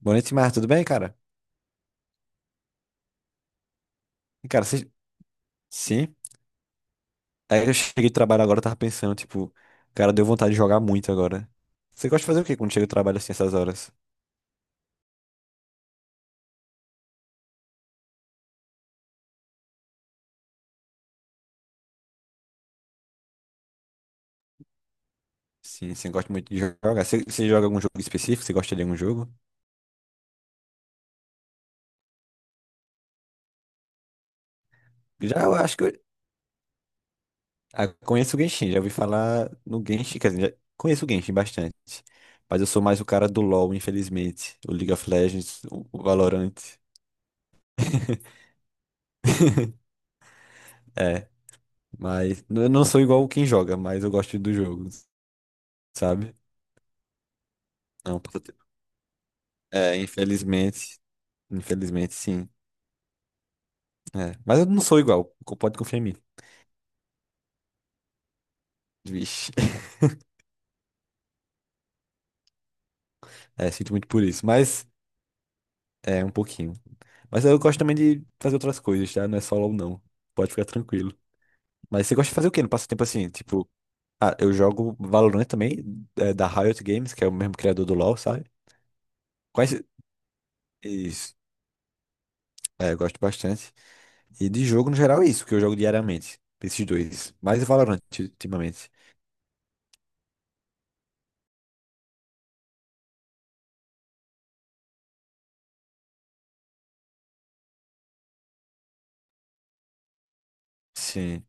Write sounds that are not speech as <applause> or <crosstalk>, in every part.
Boa noite, Mar. Tudo bem, cara? E, Cara, vocês... Sim. Aí eu cheguei do trabalho agora, eu tava pensando, tipo, cara, deu vontade de jogar muito agora. Você gosta de fazer o quê quando chega do trabalho assim, essas horas? Sim, você gosta muito de jogar. Você joga algum jogo específico? Você gosta de algum jogo? Já eu acho que eu conheço o Genshin, já ouvi falar no Genshin, quer dizer, já conheço o Genshin bastante. Mas eu sou mais o cara do LoL, infelizmente. O League of Legends, o Valorant. <laughs> É, mas eu não sou igual quem joga, mas eu gosto do jogo, sabe? Não, é, infelizmente. Infelizmente, sim. É, mas eu não sou igual. Pode confiar em mim. Vixe. <laughs> É, sinto muito por isso. Mas é um pouquinho. Mas eu gosto também de fazer outras coisas, tá? Não é só LoL, não. Pode ficar tranquilo. Mas você gosta de fazer o quê no passatempo assim? Tipo, eu jogo Valorant também, é, da Riot Games, que é o mesmo criador do LoL, sabe? Quais. Isso. É, eu gosto bastante. E de jogo, no geral, é isso, que eu jogo diariamente. Esses dois. Mais Valorant ultimamente. Sim.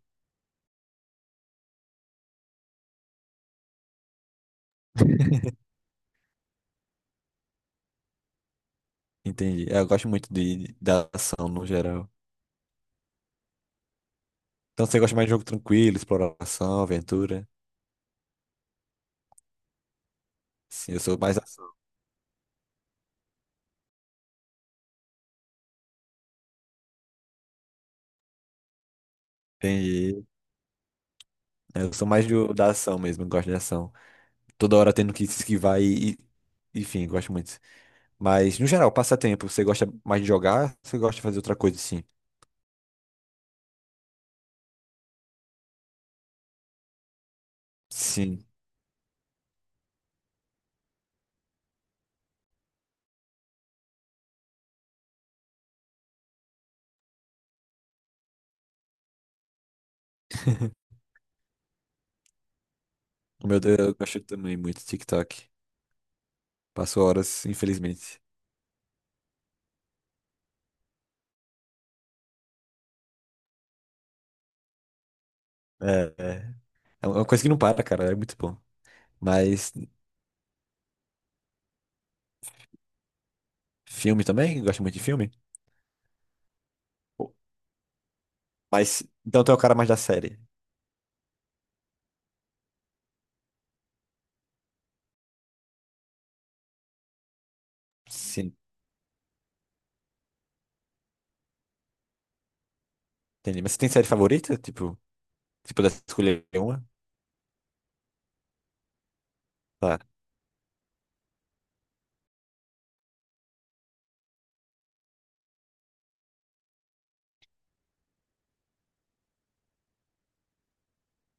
<laughs> Entendi. É, eu gosto muito da ação no geral. Então você gosta mais de jogo tranquilo, exploração, aventura? Sim, eu sou mais ação. Entendi. É, eu sou mais da ação mesmo, eu gosto de ação. Toda hora tendo que se esquivar. Enfim, gosto muito. Mas, no geral, passatempo, você gosta mais de jogar? Você gosta de fazer outra coisa, sim? Sim. <laughs> O meu Deus, eu gosto também muito de TikTok. Passo horas, infelizmente. É, é. É uma coisa que não para, cara. É muito bom. Mas filme também? Gosto muito de filme. Mas então tu é o cara mais da série. Sim, entendi. Mas você tem série favorita? Tipo, se pudesse escolher uma? Tá.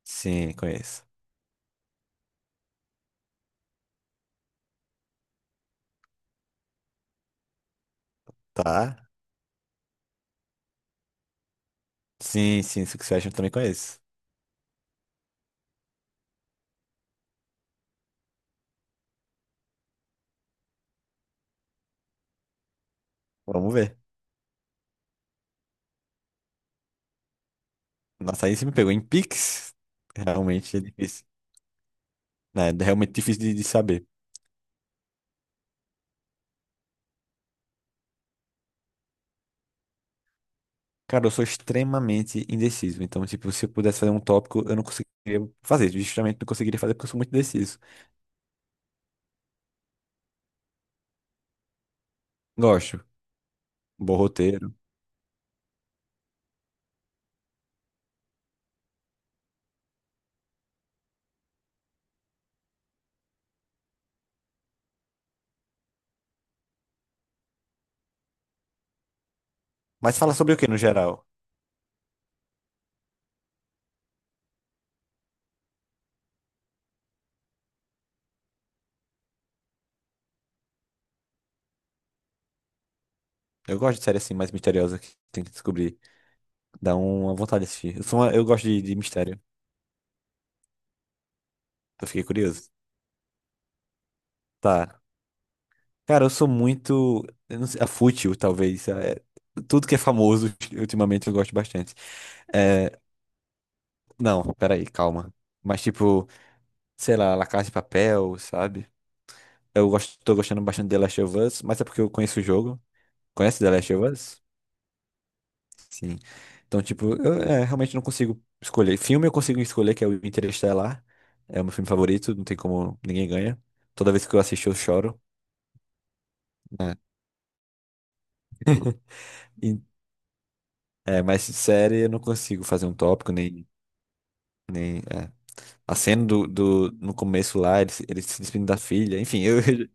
Sim, conheço. Tá. Sim, sim, Succession eu também conheço. Vamos ver. Nossa, aí você me pegou. Em Pix, realmente é difícil. Né? É realmente difícil de saber. Cara, eu sou extremamente indeciso. Então, tipo, se eu pudesse fazer um tópico, eu não conseguiria fazer. Justamente não conseguiria fazer porque eu sou muito indeciso. Gosto. Bom roteiro. Mas fala sobre o que no geral? Eu gosto de série assim mais misteriosa que tem que descobrir. Dá uma vontade de assistir. Eu gosto de mistério. Eu fiquei curioso. Tá. Cara, eu sou muito. Eu não sei, a fútil, talvez. Tudo que é famoso, <laughs> ultimamente, eu gosto bastante. É, não, peraí, calma. Mas, tipo, sei lá, La Casa de Papel, sabe? Eu gosto, tô gostando bastante de The Last of Us, mas é porque eu conheço o jogo. Conhece The Last of Us? Sim. Então, tipo, eu realmente não consigo escolher. Filme eu consigo escolher, que é o Interestelar. É o meu filme favorito, não tem como, ninguém ganha. Toda vez que eu assisto, eu choro. E- É, mas série eu não consigo fazer um tópico, nem, é. A cena do, no começo lá, ele se despedindo da filha, enfim, eu, <laughs> eu-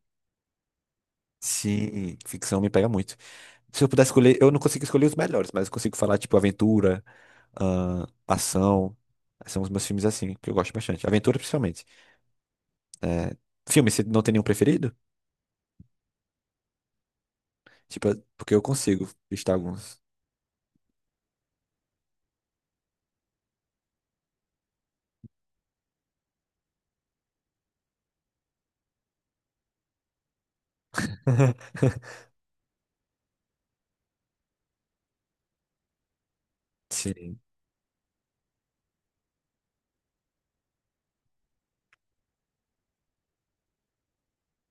sim, ficção me pega muito. Se eu pudesse escolher, eu não consigo escolher os melhores, mas eu consigo falar, tipo, aventura, ação, são os meus filmes assim, que eu gosto bastante. Aventura, principalmente. É, filme, você não tem nenhum preferido? Tipo, porque eu consigo listar alguns. <laughs> Sim.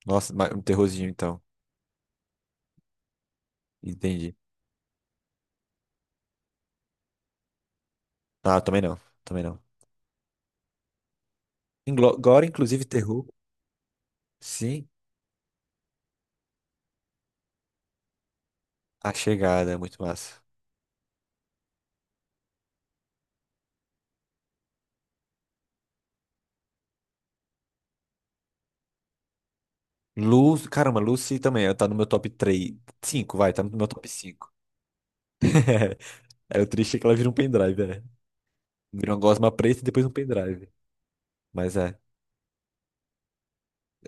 Nossa, mas um terrorzinho, então. Entendi. Ah, também não, também não. Agora, inclusive, terror. Sim, A Chegada é muito massa. Caramba, Lucy também, ela tá no meu top três, 5 vai, tá no meu top cinco. <laughs> É, o triste é que ela vira um pendrive, né? Vira uma gosma preta e depois um pendrive. Mas é,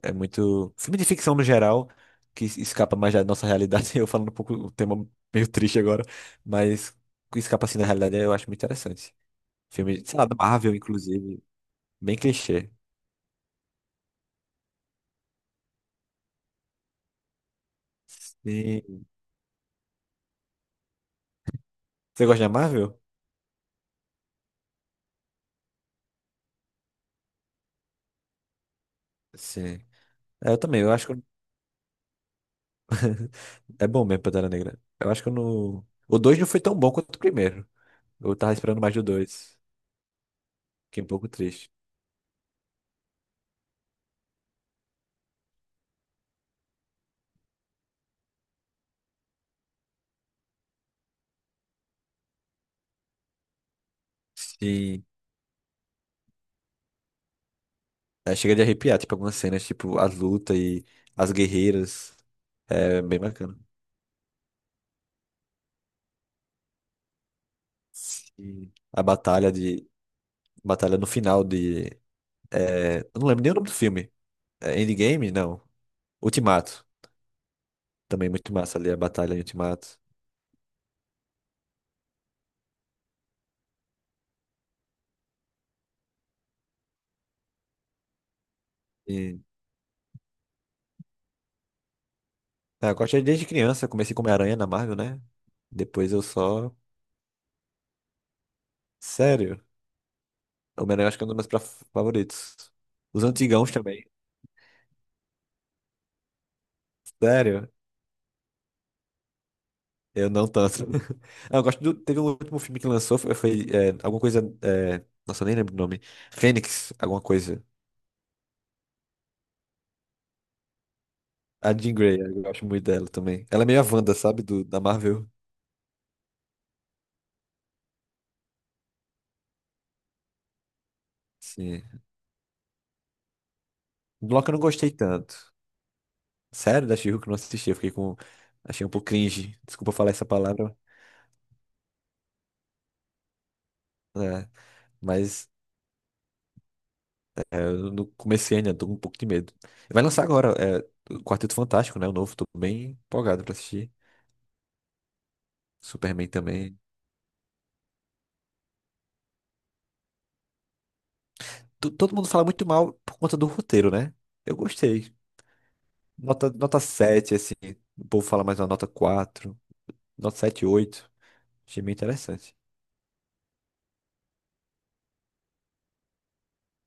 é muito. Filme de ficção no geral, que escapa mais da nossa realidade. <laughs> Eu falando um pouco o tema meio triste agora, mas que escapa assim da realidade eu acho muito interessante. Filme, sei lá, da Marvel, inclusive, bem clichê. Sim. Você gosta de Marvel? Sim. É, eu também, eu acho que é bom mesmo, Pantera Negra. Eu acho que eu não. O 2 não foi tão bom quanto o primeiro. Eu tava esperando mais do dois, fiquei um pouco triste. Sim. É, chega de arrepiar, tipo, algumas cenas, tipo, as lutas e as guerreiras. É bem bacana. Sim. A batalha de. Batalha no final de. Eu não lembro nem o nome do filme. É Endgame? Não. Ultimato. Também muito massa ali a batalha em Ultimato. E... Ah, eu gosto desde criança, comecei como Aranha na Marvel, né? Depois eu só. Sério? O Homem-Aranha eu acho que é um dos meus favoritos. Os antigãos também. Sério? Eu não tanto. <laughs> Ah, eu gosto do. Teve um último filme que lançou, foi, é, alguma coisa. Nossa, eu nem lembro o nome. Fênix, alguma coisa. A Jean Grey, eu gosto muito dela também. Ela é meio a Wanda, sabe? Da Marvel. Sim. Bloco eu não gostei tanto. Sério, da She-Hulk eu não assisti. Eu fiquei com. Achei um pouco cringe. Desculpa falar essa palavra. Né? Mas eu não comecei ainda, tô com um pouco de medo. Vai lançar agora, o Quarteto Fantástico, né? O novo, tô bem empolgado pra assistir. Superman também. Todo mundo fala muito mal por conta do roteiro, né? Eu gostei. Nota 7 assim. O povo fala mais uma nota quatro, nota sete, oito. Achei bem interessante.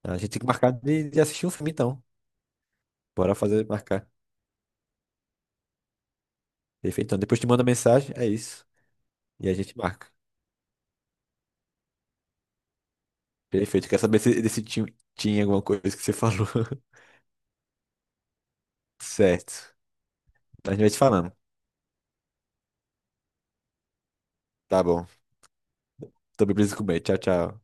A gente tem que marcar de assistir um filme, então. Bora fazer, marcar. Perfeito. Então, depois te manda mensagem, é isso. E a gente marca. Perfeito. Quer saber se desse tinha, alguma coisa que você falou? <laughs> Certo. A gente vai te falando. Tá bom. Também preciso comer. Tchau, tchau.